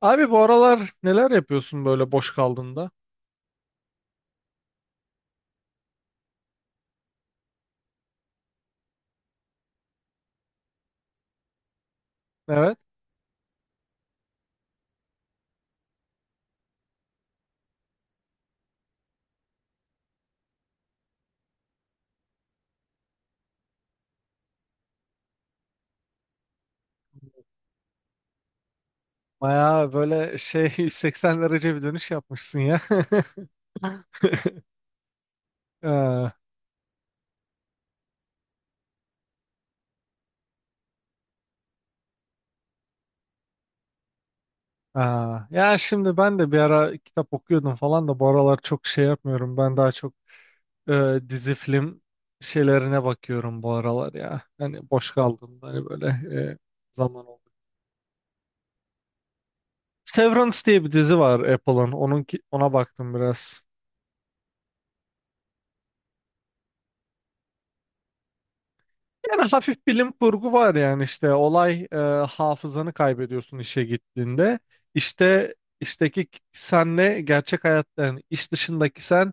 Abi bu aralar neler yapıyorsun böyle boş kaldığında? Evet. Bayağı böyle şey 180 derece bir dönüş yapmışsın ya. Ee, aa. Ya şimdi ben de bir ara kitap okuyordum falan da bu aralar çok şey yapmıyorum. Ben daha çok dizi film şeylerine bakıyorum bu aralar ya. Hani boş kaldığımda hani böyle e, zaman oldu. Severance diye bir dizi var Apple'ın. Ona baktım biraz. Yani hafif bilim kurgu var yani işte olay hafızanı kaybediyorsun işe gittiğinde. İşte işteki senle gerçek hayatta yani iş dışındaki sen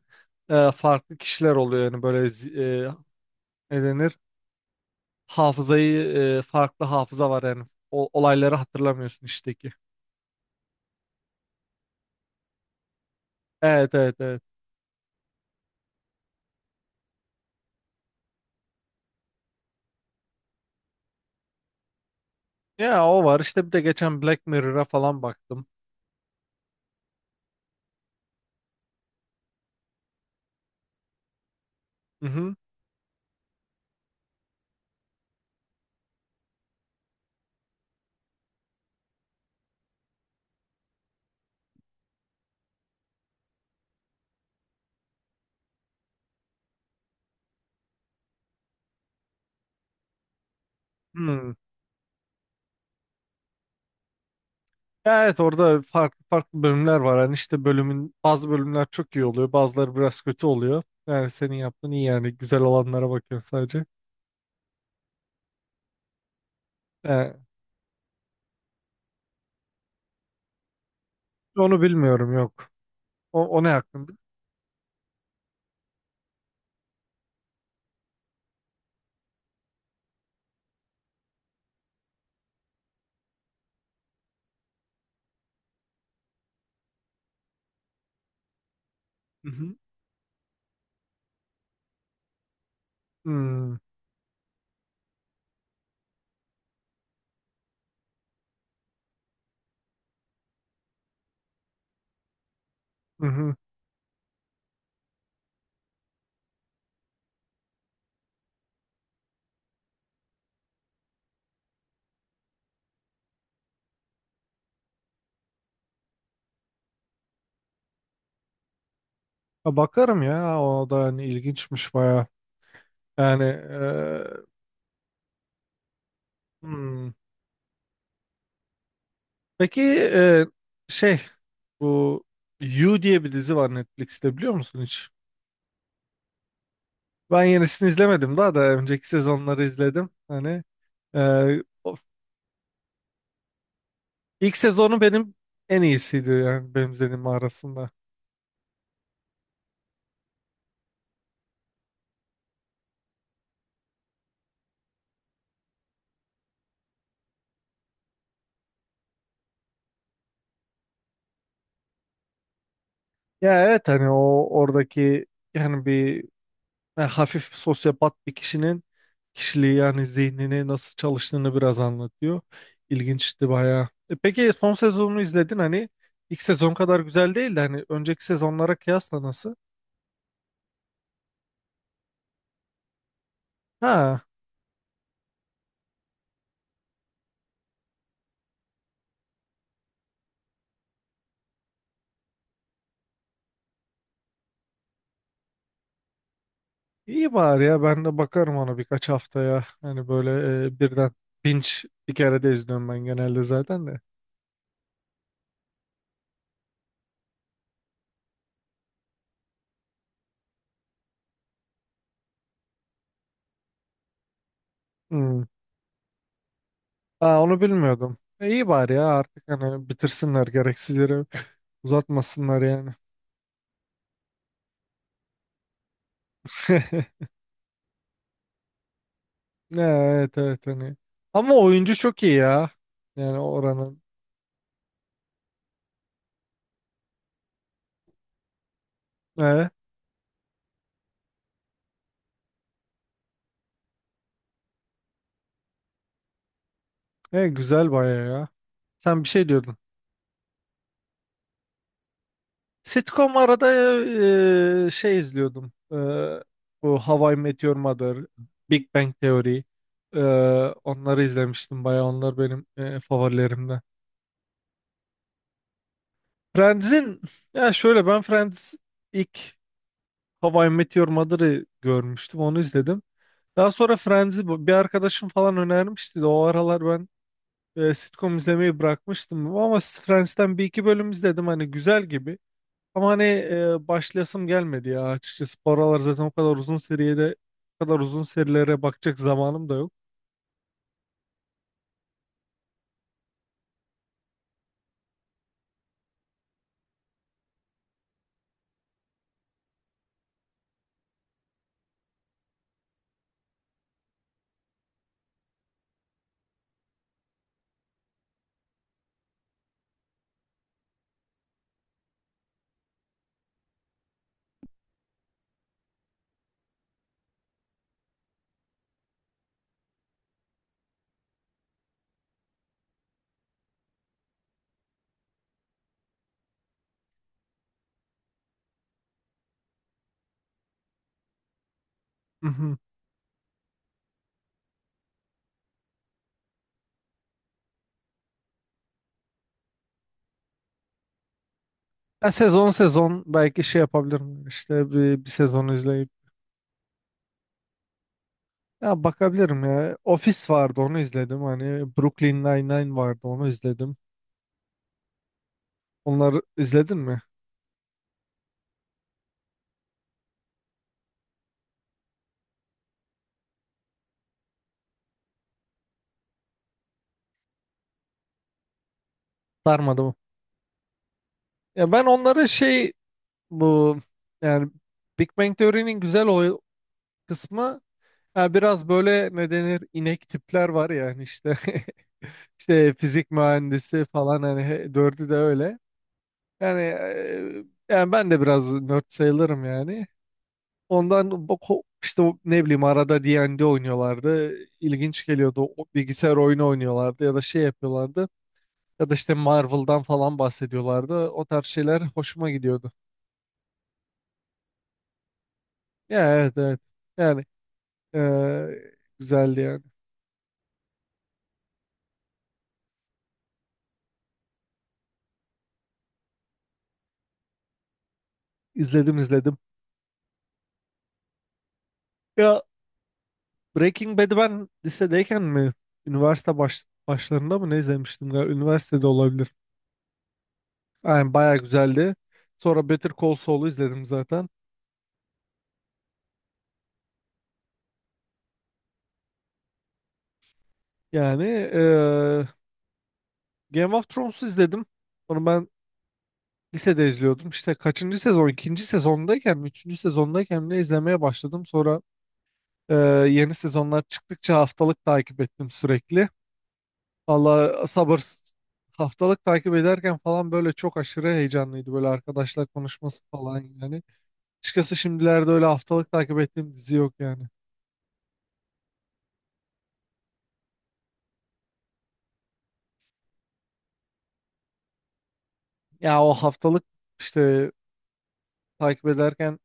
farklı kişiler oluyor yani böyle ne denir, hafızayı farklı hafıza var yani o, olayları hatırlamıyorsun işteki. Evet evet evet. Ya o var işte bir de geçen Black Mirror'a falan baktım. Hı hı. Hmm. Ya evet orada farklı farklı bölümler var. Hani işte bazı bölümler çok iyi oluyor. Bazıları biraz kötü oluyor. Yani senin yaptığın iyi yani. Güzel olanlara bakıyorum sadece. Yani onu bilmiyorum, yok. O ne hakkında? Hı hı. Hmm, hı hı. Ha, bakarım ya. O da hani ilginçmiş baya. Yani hmm. Peki şey, bu You diye bir dizi var Netflix'te, biliyor musun hiç? Ben yenisini izlemedim, daha da önceki sezonları izledim. Hani ee, İlk sezonu benim en iyisiydi yani benim izlediğim arasında. Ya evet hani o oradaki yani bir yani hafif sosyopat bir kişinin kişiliği yani zihnini nasıl çalıştığını biraz anlatıyor. İlginçti bayağı. E peki son sezonunu izledin, hani ilk sezon kadar güzel değil de hani önceki sezonlara kıyasla nasıl? Ha, iyi bari ya, ben de bakarım ona birkaç haftaya, hani böyle birden binge bir kere de izliyorum ben genelde zaten de. Hmm. Aa, onu bilmiyordum. E, iyi bari ya artık hani bitirsinler, gereksiz yere uzatmasınlar yani. Ne, evet evet hani. Ama oyuncu çok iyi ya. Yani oranın. E, Güzel baya ya. Sen bir şey diyordun. Sitcom arada şey izliyordum. Bu How I Met Your Mother, Big Bang Theory. E, Onları izlemiştim baya. Onlar benim favorilerimden. Friends'in Ya şöyle, ben Friends ilk How I Met Your Mother'ı görmüştüm. Onu izledim. Daha sonra Friends'i bir arkadaşım falan önermişti de o aralar ben sitcom izlemeyi bırakmıştım. Ama Friends'ten bir iki bölüm izledim. Hani güzel gibi. Ama hani başlayasım gelmedi ya açıkçası. Bu aralar zaten o kadar uzun serilere bakacak zamanım da yok. Hı hı. Ya sezon sezon belki şey yapabilirim. İşte bir sezonu izleyip ya bakabilirim ya. Office vardı, onu izledim. Hani Brooklyn Nine-Nine vardı, onu izledim. Onları izledin mi? Sarmadı mı? Ya ben onları şey, bu yani Big Bang Theory'nin güzel o kısmı, ya biraz böyle ne denir inek tipler var yani işte işte fizik mühendisi falan hani dördü de öyle. Yani yani ben de biraz nerd sayılırım yani. Ondan işte o ne bileyim arada D&D oynuyorlardı. İlginç geliyordu. O bilgisayar oyunu oynuyorlardı ya da şey yapıyorlardı. Ya da işte Marvel'dan falan bahsediyorlardı. O tarz şeyler hoşuma gidiyordu. Ya evet evet. Yani güzeldi yani. İzledim izledim. Ya Breaking Bad'i ben lisedeyken mi? Üniversite başlarında mı ne izlemiştim galiba? Üniversitede olabilir. Yani bayağı güzeldi. Sonra Better Call Saul'u izledim zaten. Yani Game of Thrones'u izledim. Onu ben lisede izliyordum. İşte kaçıncı sezon? İkinci sezondayken mi? Üçüncü sezondayken mi ne izlemeye başladım. Sonra Ee, yeni sezonlar çıktıkça haftalık takip ettim sürekli. Valla sabır, haftalık takip ederken falan böyle çok aşırı heyecanlıydı. Böyle arkadaşlar konuşması falan yani. Açıkçası şimdilerde öyle haftalık takip ettiğim dizi yok yani. Ya o haftalık işte takip ederken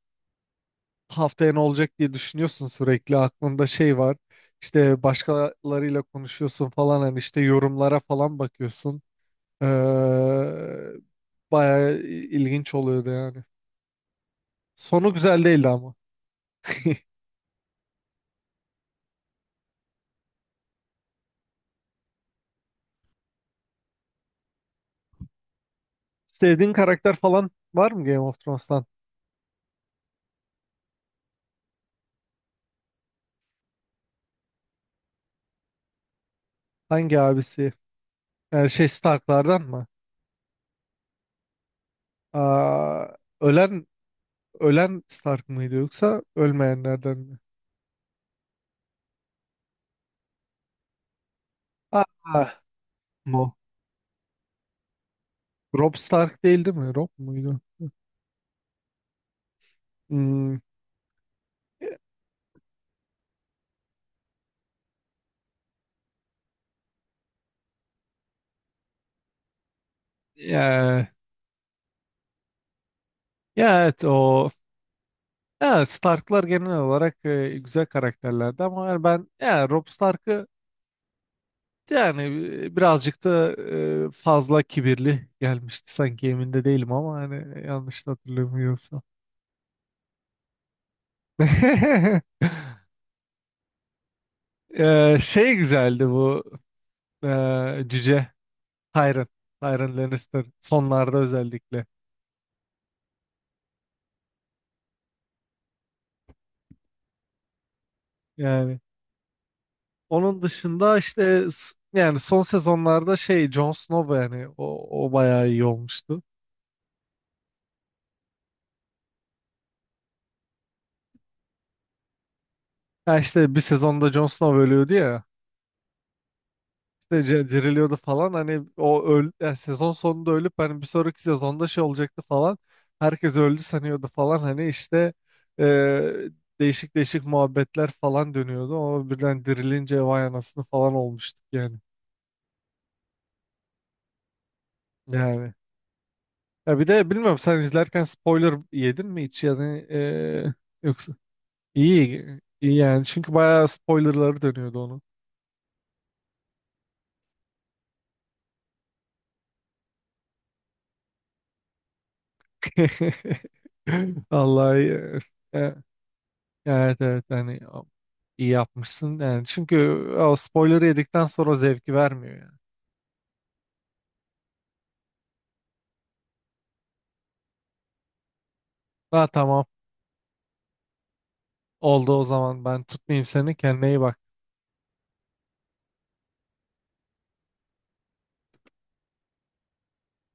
haftaya ne olacak diye düşünüyorsun sürekli. Aklında şey var. İşte başkalarıyla konuşuyorsun falan, hani işte yorumlara falan bakıyorsun. Ee, Bayağı ilginç oluyordu yani. Sonu güzel değildi ama. Sevdiğin karakter falan var mı Game of Thrones'tan? Hangi abisi? Yani şey Stark'lardan mı? Aa, ölen ölen Stark mıydı yoksa ölmeyenlerden mi? Aa, Mo. Robb Stark değil mi? Robb muydu? Hmm, ya, ya evet o ya Stark'lar genel olarak güzel karakterlerdi ama yani ben ya Robb Stark'ı. Yani birazcık da fazla kibirli gelmişti sanki, emin de değilim ama hani yanlış da hatırlamıyorsam. Şey güzeldi, bu cüce Tyrion. Tyrion Lannister sonlarda özellikle. Yani onun dışında işte yani son sezonlarda şey Jon Snow yani o bayağı iyi olmuştu. Ya işte bir sezonda Jon Snow ölüyordu ya. Diriliyordu falan, hani o öl yani sezon sonunda ölüp hani bir sonraki sezonda şey olacaktı falan, herkes öldü sanıyordu falan, hani işte e, değişik değişik muhabbetler falan dönüyordu ama birden dirilince vay anasını falan olmuştuk yani. yani Ya bir de bilmiyorum, sen izlerken spoiler yedin mi hiç yani yoksa? İyi iyi yani çünkü bayağı spoilerları dönüyordu onun. Vallahi e, evet evet hani iyi yapmışsın yani çünkü o spoiler'ı yedikten sonra o zevki vermiyor yani. Ha, tamam oldu o zaman, ben tutmayayım seni, kendine iyi bak.